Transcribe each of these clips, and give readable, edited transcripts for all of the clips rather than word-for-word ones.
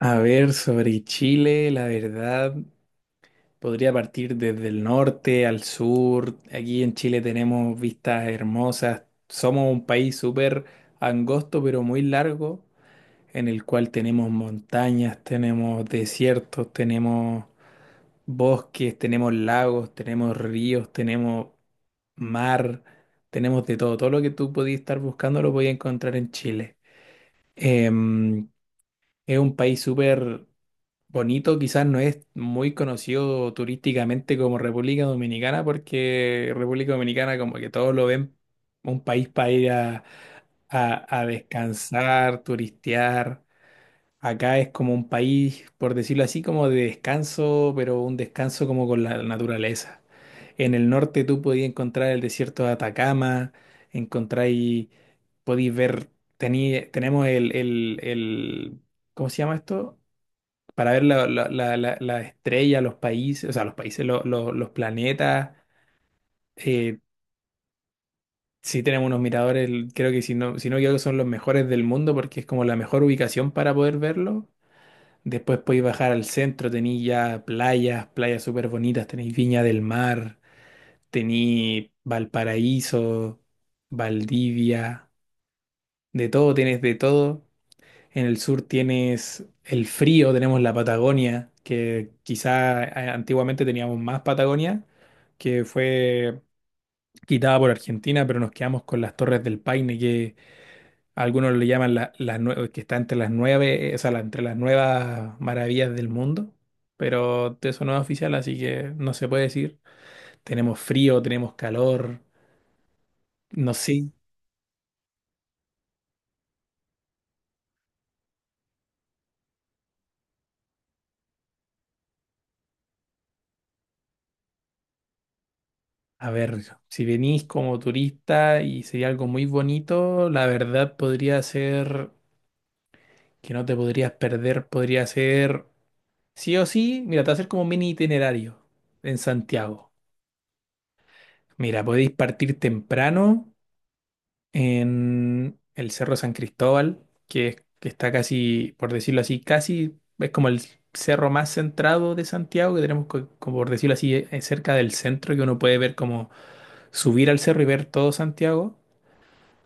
A ver, sobre Chile, la verdad, podría partir desde el norte al sur. Aquí en Chile tenemos vistas hermosas. Somos un país súper angosto, pero muy largo, en el cual tenemos montañas, tenemos desiertos, tenemos bosques, tenemos lagos, tenemos ríos, tenemos mar, tenemos de todo. Todo lo que tú podías estar buscando lo podías encontrar en Chile. Em, es un país súper bonito, quizás no es muy conocido turísticamente como República Dominicana, porque República Dominicana como que todos lo ven un país para ir a, a descansar, turistear. Acá es como un país, por decirlo así, como de descanso, pero un descanso como con la naturaleza. En el norte tú podías encontrar el desierto de Atacama, encontráis, podéis ver, tenemos el ¿cómo se llama esto? Para ver la estrella, los países, o sea, los países, los planetas. Eh, sí, tenemos unos miradores, creo que si no, si no, creo que son los mejores del mundo, porque es como la mejor ubicación para poder verlo. Después podéis bajar al centro, tenéis ya playas, playas súper bonitas, tenéis Viña del Mar, tenéis Valparaíso, Valdivia, de todo, tenéis de todo. En el sur tienes el frío, tenemos la Patagonia, que quizá antiguamente teníamos más Patagonia, que fue quitada por Argentina, pero nos quedamos con las Torres del Paine, que algunos le llaman que está entre las 9, o sea, entre las nuevas maravillas del mundo, pero eso no es oficial, así que no se puede decir. Tenemos frío, tenemos calor, no sé. A ver, si venís como turista y sería algo muy bonito, la verdad podría ser que no te podrías perder, podría ser, sí o sí. Mira, te va a hacer como un mini itinerario en Santiago. Mira, podéis partir temprano en el Cerro San Cristóbal, que, que está casi, por decirlo así, casi es como el cerro más centrado de Santiago, que tenemos, como por decirlo así, cerca del centro, que uno puede ver como subir al cerro y ver todo Santiago.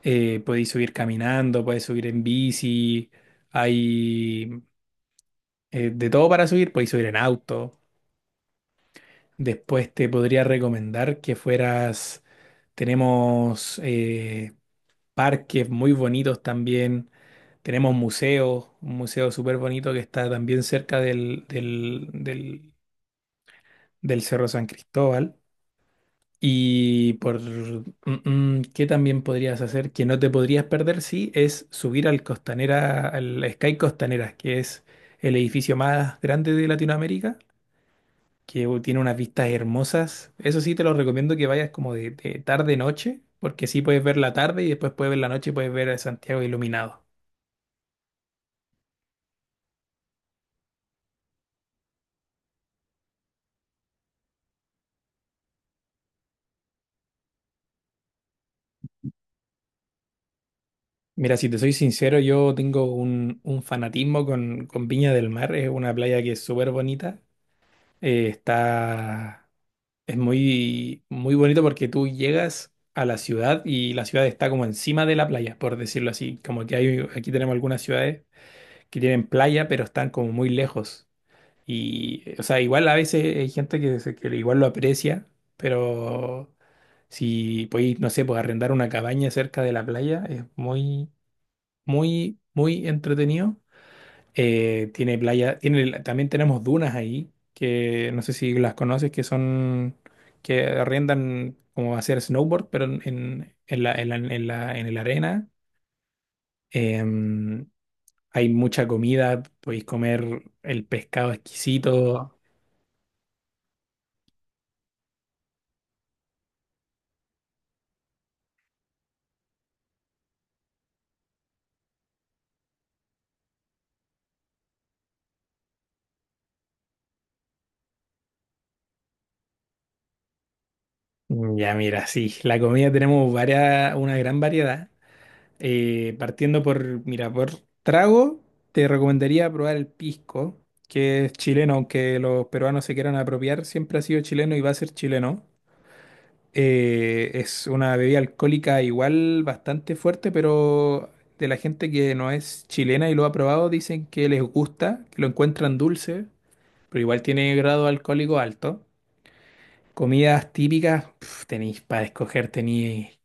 Podéis subir caminando, podéis subir en bici, hay de todo para subir, podéis subir en auto. Después te podría recomendar que fueras, tenemos parques muy bonitos también, tenemos museos, un museo súper bonito que está también cerca del Cerro San Cristóbal. Y por qué también podrías hacer, que no te podrías perder, sí, es subir al Costanera, al Sky Costanera, que es el edificio más grande de Latinoamérica, que tiene unas vistas hermosas. Eso sí, te lo recomiendo que vayas como de tarde-noche, porque sí puedes ver la tarde y después puedes ver la noche y puedes ver a Santiago iluminado. Mira, si te soy sincero, yo tengo un fanatismo con Viña del Mar. Es una playa que es súper bonita. Eh, está, es muy, muy bonito porque tú llegas a la ciudad y la ciudad está como encima de la playa, por decirlo así. Como que hay, aquí tenemos algunas ciudades que tienen playa, pero están como muy lejos. Y, o sea, igual a veces hay gente que, que igual lo aprecia, pero si podéis, no sé, pues arrendar una cabaña cerca de la playa es muy, muy, muy entretenido. Tiene playa, tiene, también tenemos dunas ahí, que no sé si las conoces, que son, que arrendan como hacer snowboard, pero en la, en la, en la, en la arena. Em, Hay mucha comida, podéis comer el pescado exquisito. Ya mira, sí, la comida tenemos varias, una gran variedad. Partiendo por, mira, por trago, te recomendaría probar el pisco, que es chileno, aunque los peruanos se quieran apropiar, siempre ha sido chileno y va a ser chileno. Es una bebida alcohólica igual bastante fuerte, pero de la gente que no es chilena y lo ha probado, dicen que les gusta, que lo encuentran dulce, pero igual tiene grado alcohólico alto. Comidas típicas, pf, tenéis para escoger, tenéis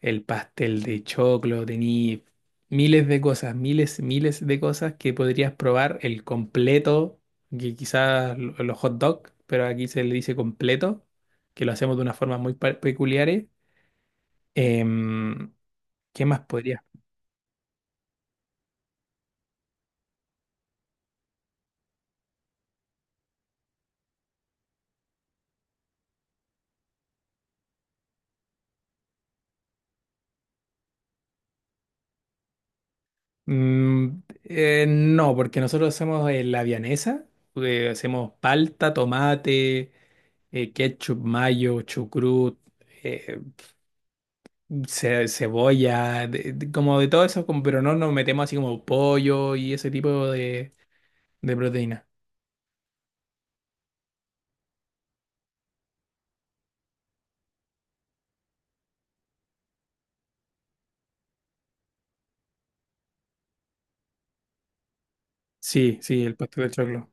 el pastel de choclo, tení miles de cosas, miles, miles de cosas que podrías probar, el completo, que quizás los hot dog, pero aquí se le dice completo, que lo hacemos de una forma muy peculiares. Em, ¿Qué más podría? No, porque nosotros hacemos la vianesa, hacemos palta, tomate, ketchup, mayo, chucrut, eh, cebolla, como de todo eso, pero no nos metemos así como pollo y ese tipo de proteína. Sí, sí, el pastel de choclo.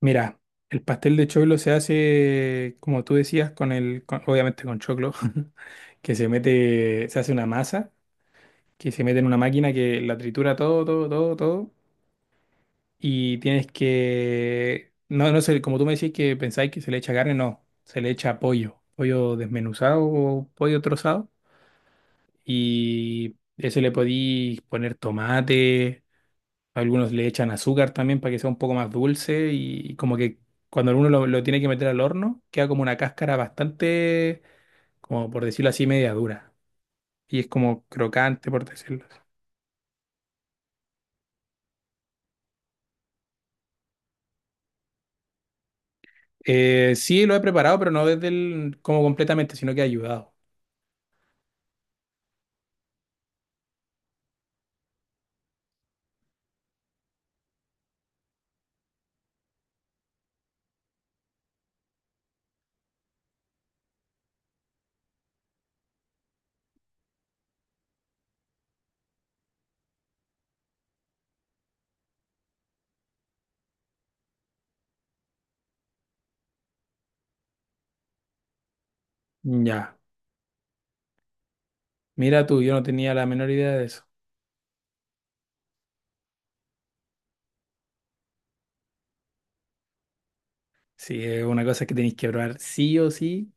Mira, el pastel de choclo se hace, como tú decías, obviamente con choclo, que se mete, se hace una masa, que se mete en una máquina que la tritura todo, todo, todo, todo, y tienes que, no, no sé, como tú me decís que pensáis que se le echa carne, no, se le echa pollo, pollo desmenuzado o pollo trozado y eso le podí poner tomate, algunos le echan azúcar también para que sea un poco más dulce y como que cuando uno lo tiene que meter al horno queda como una cáscara bastante, como por decirlo así, media dura, y es como crocante por decirlo así. Sí, lo he preparado, pero no desde el, como completamente, sino que he ayudado. Ya, mira tú, yo no tenía la menor idea de eso. Sí, es una cosa que tenéis que probar sí o sí,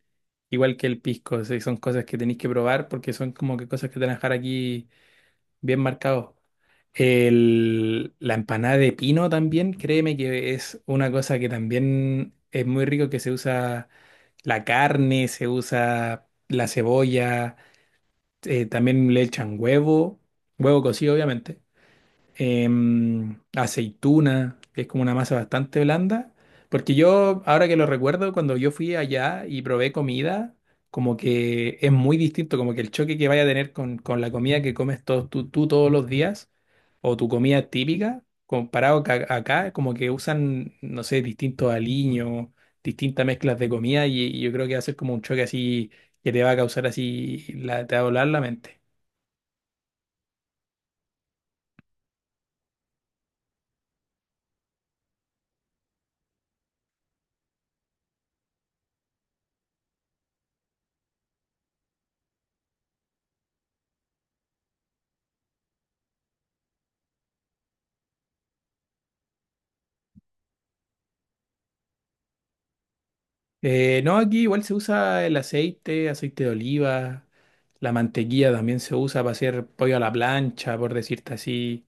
igual que el pisco. Sí, son cosas que tenéis que probar porque son como que cosas que te van a dejar aquí bien marcados. La empanada de pino también, créeme que es una cosa que también es muy rico, que se usa la carne, se usa la cebolla, también le echan huevo, huevo cocido obviamente, aceituna, que es como una masa bastante blanda. Porque yo, ahora que lo recuerdo, cuando yo fui allá y probé comida, como que es muy distinto, como que el choque que vaya a tener con la comida que comes todos tú todos los días o tu comida típica, comparado acá, como que usan, no sé, distintos aliños, distintas mezclas de comida y yo creo que va a ser como un choque así que te va a causar así, la, te va a volar la mente. No, aquí igual se usa el aceite, aceite de oliva, la mantequilla también se usa para hacer pollo a la plancha, por decirte así.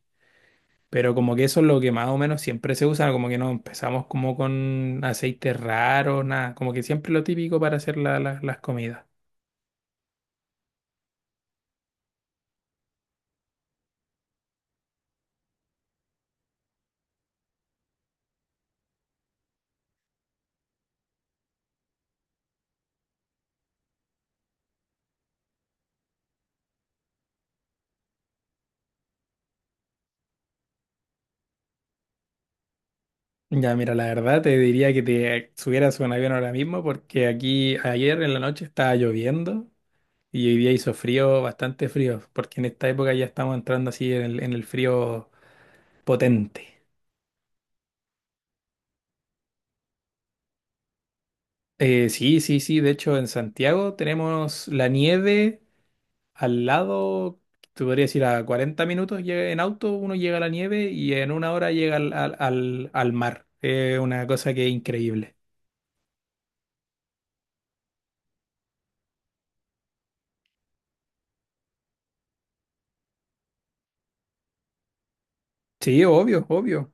Pero como que eso es lo que más o menos siempre se usa, como que no empezamos como con aceites raros, nada, como que siempre lo típico para hacer las comidas. Ya, mira, la verdad te diría que te subieras a un avión ahora mismo porque aquí ayer en la noche estaba lloviendo y hoy día hizo frío, bastante frío, porque en esta época ya estamos entrando así en el frío potente. Sí, sí, sí. De hecho, en Santiago tenemos la nieve al lado. Te podría decir a 40 minutos en auto uno llega a la nieve y en una hora llega al, al, al, al mar. Es una cosa que es increíble. Sí, obvio, obvio.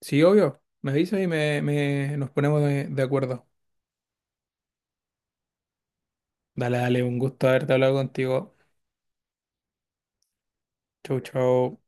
Sí, obvio. Me avisas y nos ponemos de acuerdo. Dale, dale, un gusto haberte hablado contigo. Chau, chau.